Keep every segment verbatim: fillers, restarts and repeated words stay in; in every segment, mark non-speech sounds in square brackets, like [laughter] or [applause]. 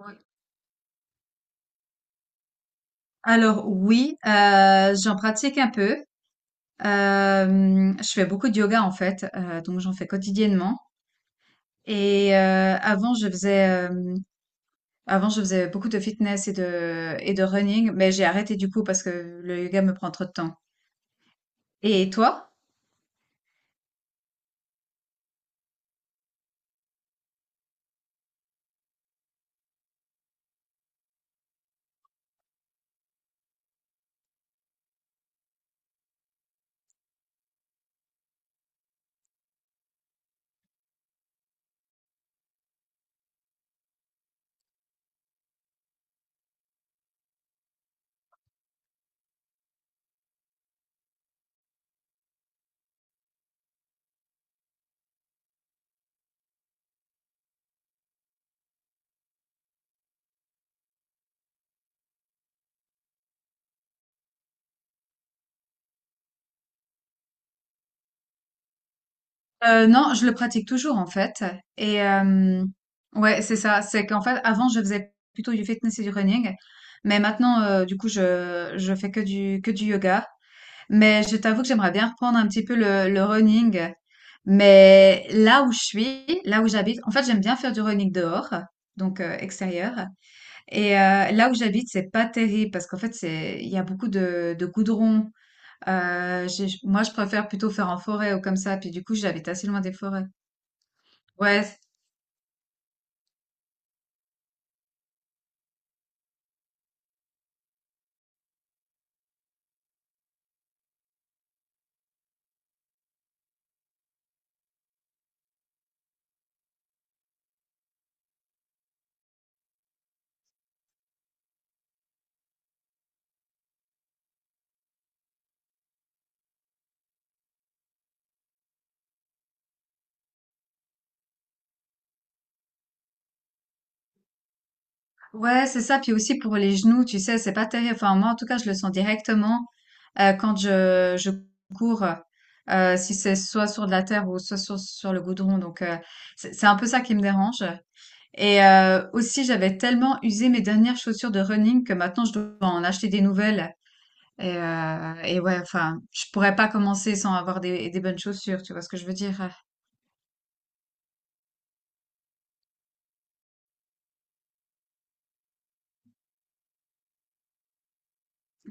Oui. Alors oui, euh, j'en pratique un peu. Euh, je fais beaucoup de yoga en fait, euh, donc j'en fais quotidiennement. Et euh, avant, je faisais, euh, avant, je faisais beaucoup de fitness et de et de running, mais j'ai arrêté du coup parce que le yoga me prend trop de temps. Et toi? Euh, non, je le pratique toujours en fait. Et euh, ouais, c'est ça. C'est qu'en fait, avant, je faisais plutôt du fitness et du running, mais maintenant, euh, du coup, je je fais que du que du yoga. Mais je t'avoue que j'aimerais bien reprendre un petit peu le, le running. Mais là où je suis, là où j'habite, en fait, j'aime bien faire du running dehors, donc euh, extérieur. Et euh, là où j'habite, c'est pas terrible parce qu'en fait, c'est, il y a beaucoup de, de goudron. Euh, j'ai- moi, je préfère plutôt faire en forêt ou comme ça. Puis du coup, j'habite assez loin des forêts. Ouais, Ouais, c'est ça. Puis aussi pour les genoux, tu sais, c'est pas terrible. Enfin, moi, en tout cas, je le sens directement euh, quand je, je cours, euh, si c'est soit sur de la terre ou soit sur, sur le goudron. Donc, euh, c'est c'est un peu ça qui me dérange. Et euh, aussi, j'avais tellement usé mes dernières chaussures de running que maintenant, je dois en acheter des nouvelles. Et, euh, et ouais, enfin, je pourrais pas commencer sans avoir des, des bonnes chaussures. Tu vois ce que je veux dire?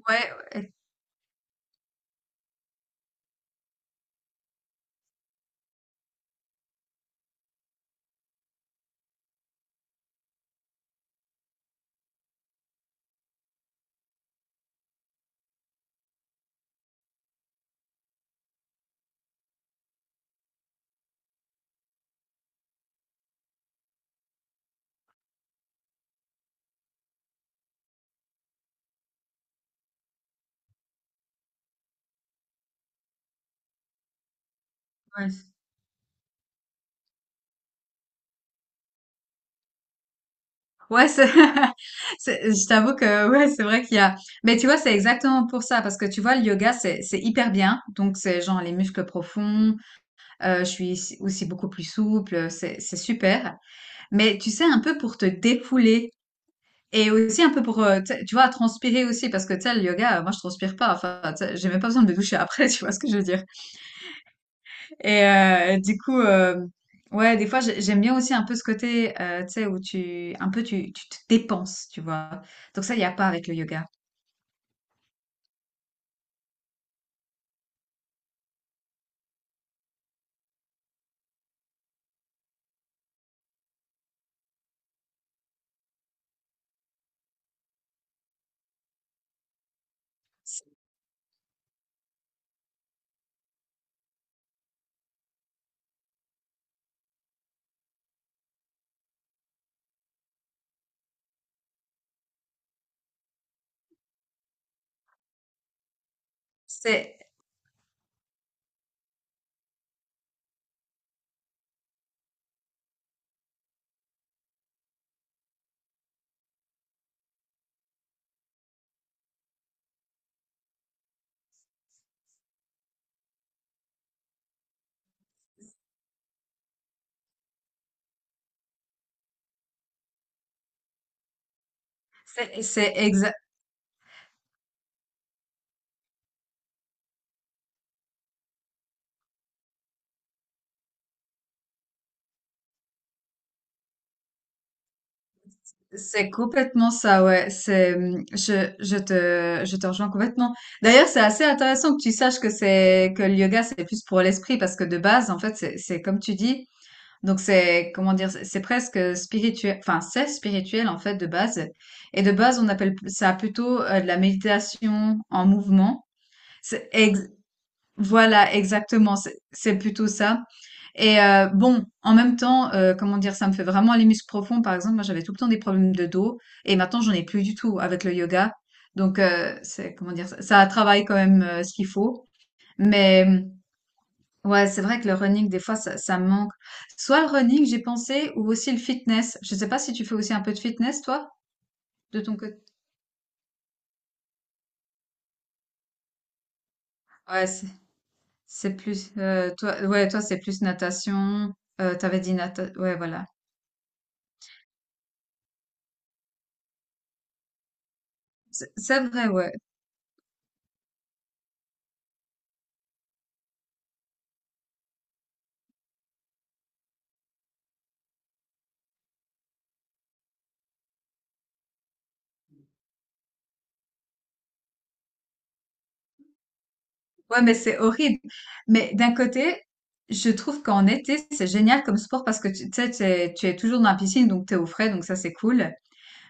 Ouais, ouais, ouais. Ouais, c'est, [laughs] c'est- je t'avoue que ouais, c'est vrai qu'il y a. Mais tu vois, c'est exactement pour ça, parce que tu vois, le yoga, c'est c'est hyper bien. Donc, c'est genre les muscles profonds. Euh, je suis aussi aussi beaucoup plus souple. C'est c'est super. Mais tu sais, un peu pour te défouler et aussi un peu pour, euh, tu sais, tu vois, transpirer aussi, parce que tu sais, le yoga, euh, moi, je transpire pas. Enfin, tu sais, j'ai même pas besoin de me doucher après. [laughs] Tu vois ce que je veux dire? Et euh, du coup, euh, ouais, des fois, j'ai- j'aime bien aussi un peu ce côté, euh, tu sais, où tu, un peu, tu, tu te dépenses, tu vois. Donc ça, il n'y a pas avec le yoga. C'est, c'est, c'est exa- c'est complètement ça, ouais. C'est, hum, je, je te, je te rejoins complètement. D'ailleurs, c'est assez intéressant que tu saches que c'est, que le yoga, c'est plus pour l'esprit parce que de base, en fait, c'est, c'est comme tu dis. Donc c'est, comment dire, c'est c'est presque spirituel, enfin c'est spirituel en fait de base. Et de base, on appelle ça plutôt euh, de la méditation en mouvement. C'est ex- voilà, exactement, c'est c'est plutôt ça. Et euh, bon, en même temps, euh, comment dire, ça me fait vraiment les muscles profonds. Par exemple, moi j'avais tout le temps des problèmes de dos et maintenant j'en ai plus du tout avec le yoga. Donc euh, c'est, comment dire, ça, ça travaille quand même euh, ce qu'il faut. Mais ouais, c'est vrai que le running, des fois, ça, ça me manque. Soit le running, j'ai pensé, ou aussi le fitness. Je sais pas si tu fais aussi un peu de fitness, toi, de ton côté. Ouais, c'est c'est plus euh, toi. Ouais, toi, c'est plus natation. Euh, t'avais dit natation. Ouais, voilà. C'est c'est vrai, ouais. Ouais, mais c'est horrible. Mais d'un côté, je trouve qu'en été, c'est génial comme sport parce que tu tu sais, t'es- tu es toujours dans la piscine, donc t'es au frais, donc ça c'est cool.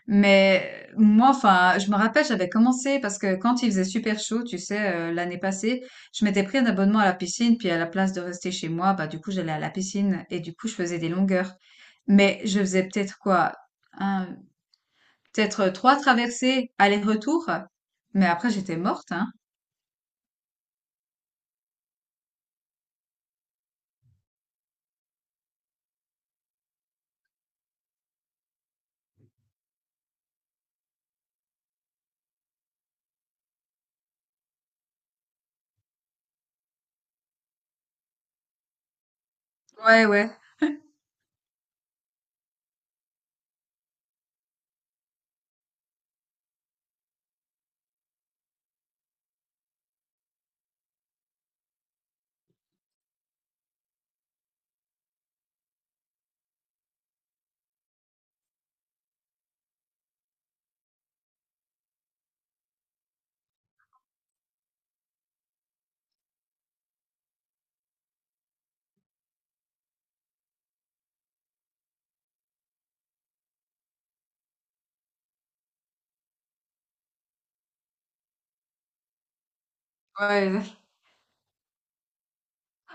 Mais moi, enfin, je me rappelle, j'avais commencé parce que quand il faisait super chaud, tu sais, euh, l'année passée, je m'étais pris un abonnement à la piscine, puis à la place de rester chez moi, bah du coup, j'allais à la piscine et du coup, je faisais des longueurs. Mais je faisais peut-être quoi, un, peut-être trois traversées aller-retour. Mais après, j'étais morte, hein. Ouais, ouais, ouais.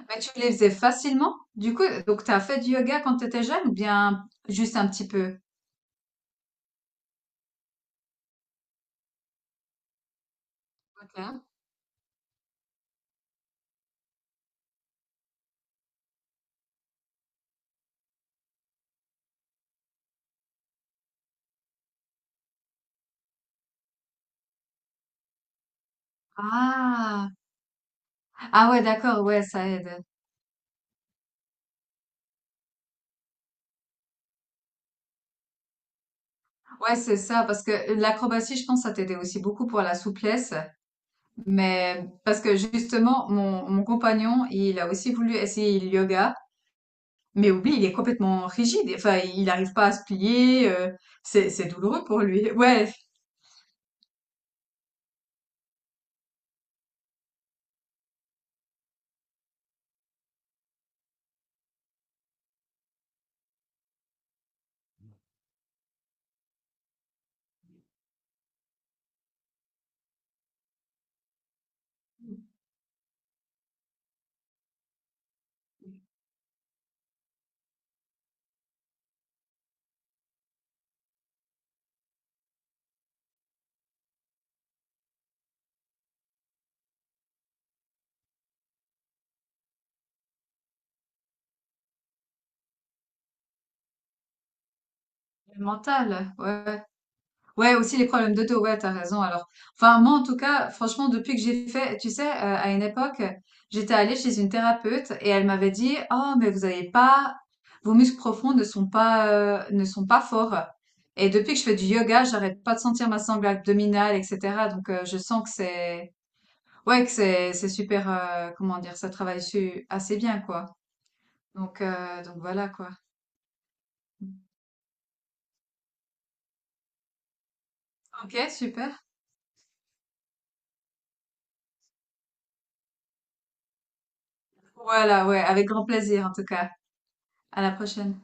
Mais tu les faisais facilement. Du coup, donc t'as fait du yoga quand t'étais jeune ou bien juste un petit peu? Ok. Ah, ah ouais, d'accord, ouais, ça aide. Ouais, c'est ça, parce que l'acrobatie, je pense, ça t'aidait aussi beaucoup pour la souplesse. Mais parce que justement, mon, mon compagnon, il a aussi voulu essayer le yoga, mais oublie, il est complètement rigide. Enfin, il n'arrive pas à se plier. euh, c'est, c'est douloureux pour lui. [laughs] Ouais, le mental. Ouais. Ouais, aussi les problèmes de dos. Ouais, t'as raison. Alors, enfin, moi, en tout cas, franchement, depuis que j'ai fait, tu sais, euh, à une époque, j'étais allée chez une thérapeute et elle m'avait dit, oh, mais vous n'avez pas, vos muscles profonds ne sont pas, euh, ne sont pas forts. Et depuis que je fais du yoga, j'arrête pas de sentir ma sangle abdominale, et cetera. Donc, euh, je sens que c'est, ouais, que c'est, c'est super, euh, comment dire, ça travaille su- assez bien, quoi. Donc, euh, donc voilà, quoi. Ok, super. Voilà, ouais, avec grand plaisir, en tout cas. À la prochaine.